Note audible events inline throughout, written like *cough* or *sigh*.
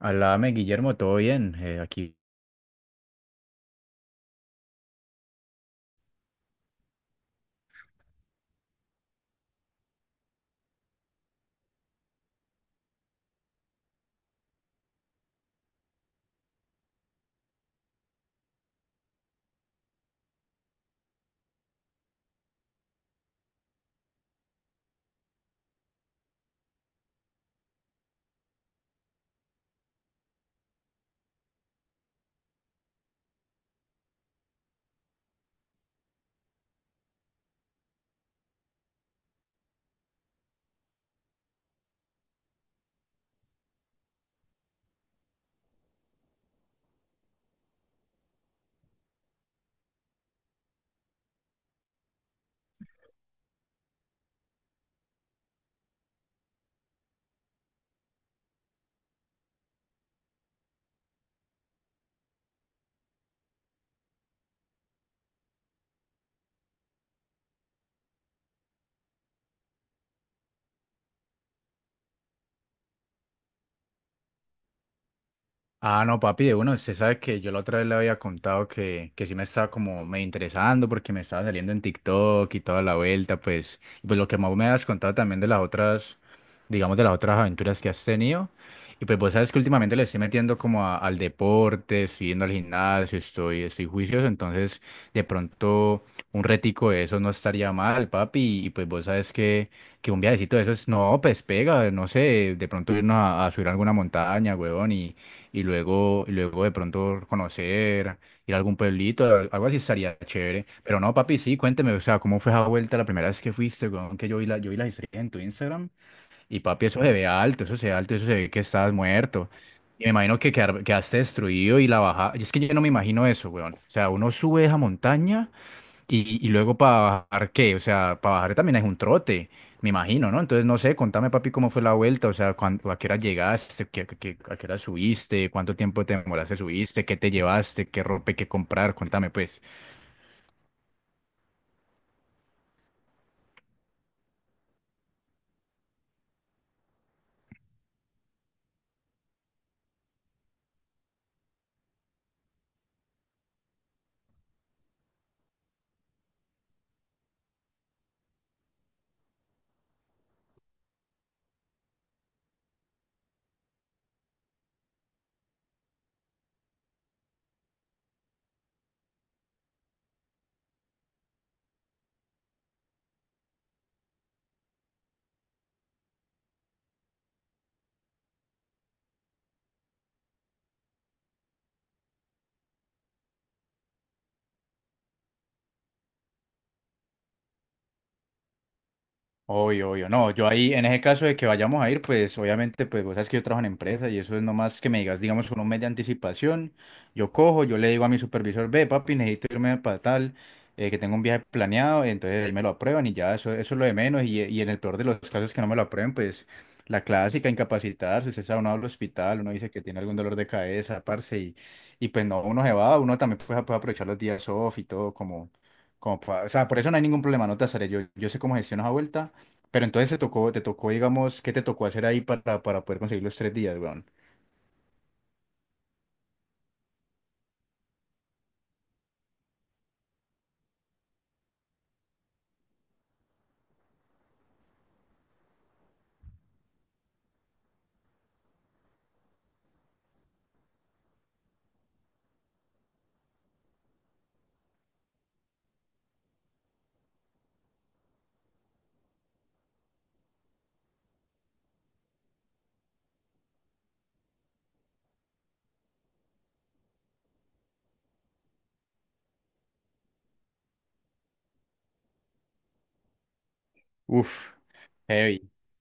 Alame, Guillermo, todo bien. Aquí. Ah, no, papi, uno, usted sabe que yo la otra vez le había contado que sí me estaba como me interesando porque me estaba saliendo en TikTok y toda la vuelta, pues, y pues lo que más me has contado también de las otras, digamos, de las otras aventuras que has tenido. Y pues vos sabes que últimamente le estoy metiendo como al deporte, estoy yendo al gimnasio, estoy juicioso, entonces de pronto un retico de eso no estaría mal, papi, y pues vos sabes que un viajecito de esos, no, pues pega, no sé, de pronto irnos a subir a alguna montaña, huevón, y luego de pronto conocer, ir a algún pueblito, algo así estaría chévere. Pero no, papi, sí, cuénteme, o sea, ¿cómo fue esa vuelta la primera vez que fuiste, weón? Que yo vi yo vi las historias en tu Instagram y papi, eso se ve alto, eso se ve alto, eso se ve que estás muerto. Y me imagino que quedaste destruido y la baja. Y es que yo no me imagino eso, weón. O sea, uno sube esa montaña. Y luego para bajar, ¿qué? O sea, para bajar también es un trote, me imagino, ¿no? Entonces, no sé, contame, papi, cómo fue la vuelta, o sea, a qué hora llegaste. A qué hora subiste, cuánto tiempo te demoraste, subiste, qué te llevaste, qué ropa hay que comprar? Contame, pues. Obvio, obvio. No, yo ahí, en ese caso de que vayamos a ir, pues obviamente, pues vos sabes que yo trabajo en empresa y eso es nomás que me digas, digamos, con un mes de anticipación, yo cojo, yo le digo a mi supervisor, ve, papi, necesito irme para tal, que tengo un viaje planeado, entonces ahí me lo aprueban y ya, eso es lo de menos. Y en el peor de los casos que no me lo aprueben, pues la clásica, incapacitarse, usted sabe, uno va al hospital, uno dice que tiene algún dolor de cabeza, parce, y pues no, uno se va, uno también pues puede aprovechar los días off y todo, como, como, o sea, por eso no hay ningún problema, no te asaré, yo sé cómo gestiono esa vuelta. Pero entonces te tocó, digamos, ¿qué te tocó hacer ahí para poder conseguir los tres días, weón? Uf, heavy. *laughs*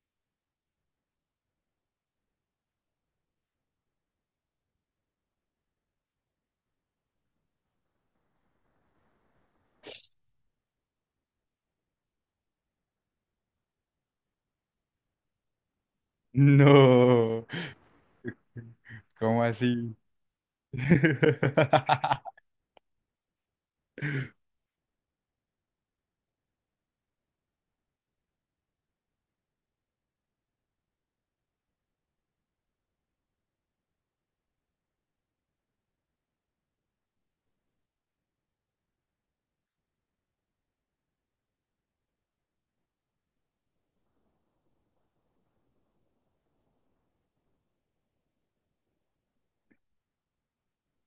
No. ¿Cómo así? *laughs*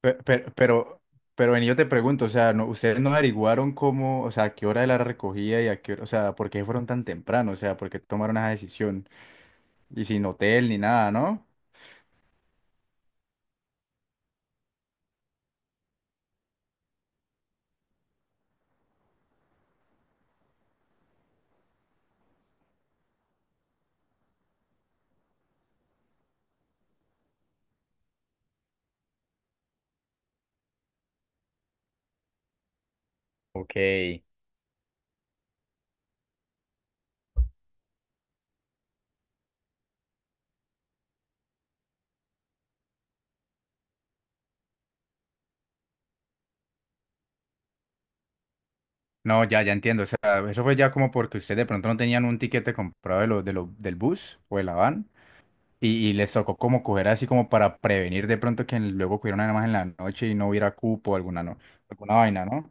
Pe- Pero, pero, pero, vení, yo te pregunto, o sea, no, ustedes no averiguaron cómo, o sea, a qué hora de la recogida y a qué hora, o sea, por qué fueron tan temprano, o sea, por qué tomaron esa decisión y sin hotel ni nada, ¿no? Ok. No, ya, ya entiendo, o sea, eso fue ya como porque ustedes de pronto no tenían un tiquete comprado de lo, del bus o de la van. Y les tocó como coger así como para prevenir de pronto que luego cogiera una más en la noche y no hubiera cupo o alguna, no, alguna vaina, ¿no?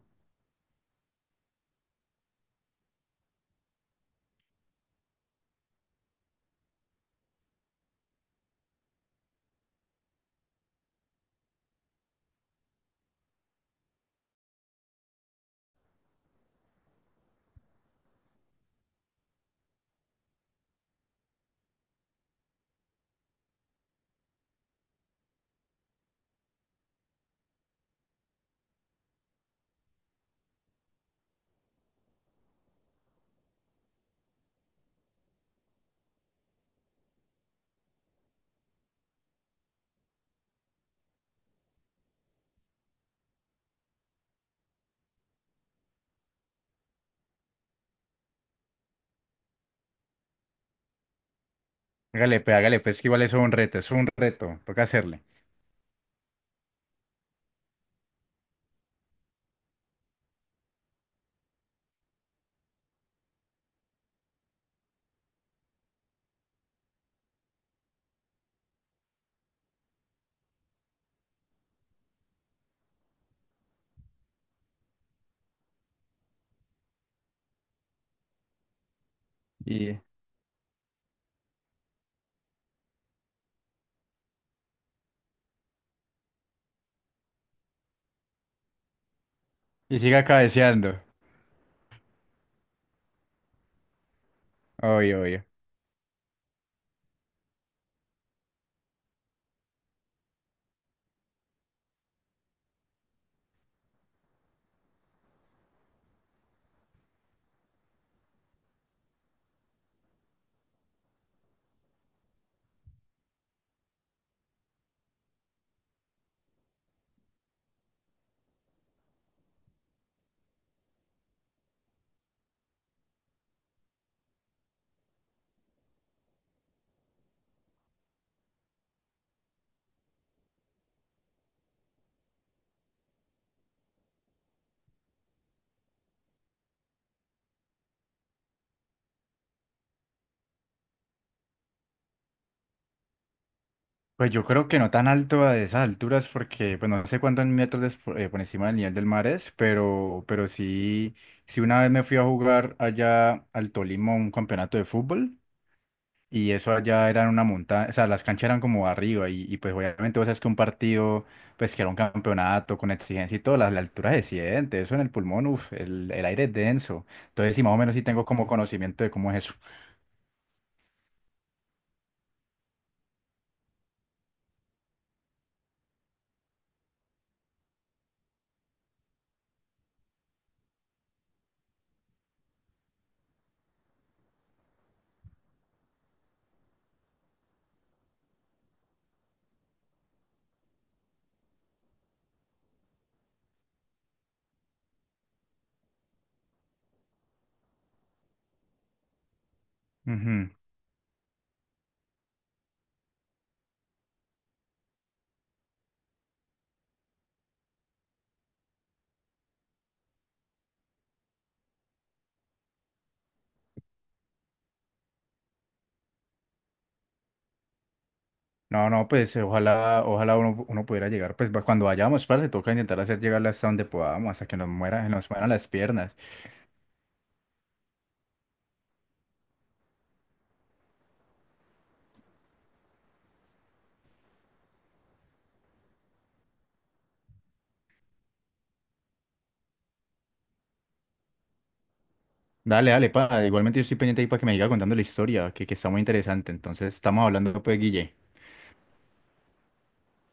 Hágale, pues que igual eso es un reto, toca hacerle. Y, y siga cabeceando, obvio, obvio. Pues yo creo que no tan alto a esas alturas porque, pues no sé cuántos metros por encima del nivel del mar es, pero sí, sí una vez me fui a jugar allá al Tolima un campeonato de fútbol. Y eso allá era en una montaña, o sea, las canchas eran como arriba y pues obviamente vos sabes que un partido, pues que era un campeonato con exigencia y todo, la altura se siente, eso en el pulmón, uf, el aire es denso. Entonces sí, más o menos sí tengo como conocimiento de cómo es eso. Ujú. No, no, pues ojalá, ojalá uno, uno pudiera llegar, pues cuando vayamos, para, se toca intentar hacer llegar hasta donde podamos, hasta que nos muera, nos mueran las piernas. Dale, dale, pa, igualmente yo estoy pendiente ahí para que me siga contando la historia, que está muy interesante. Entonces estamos hablando pues, Guille.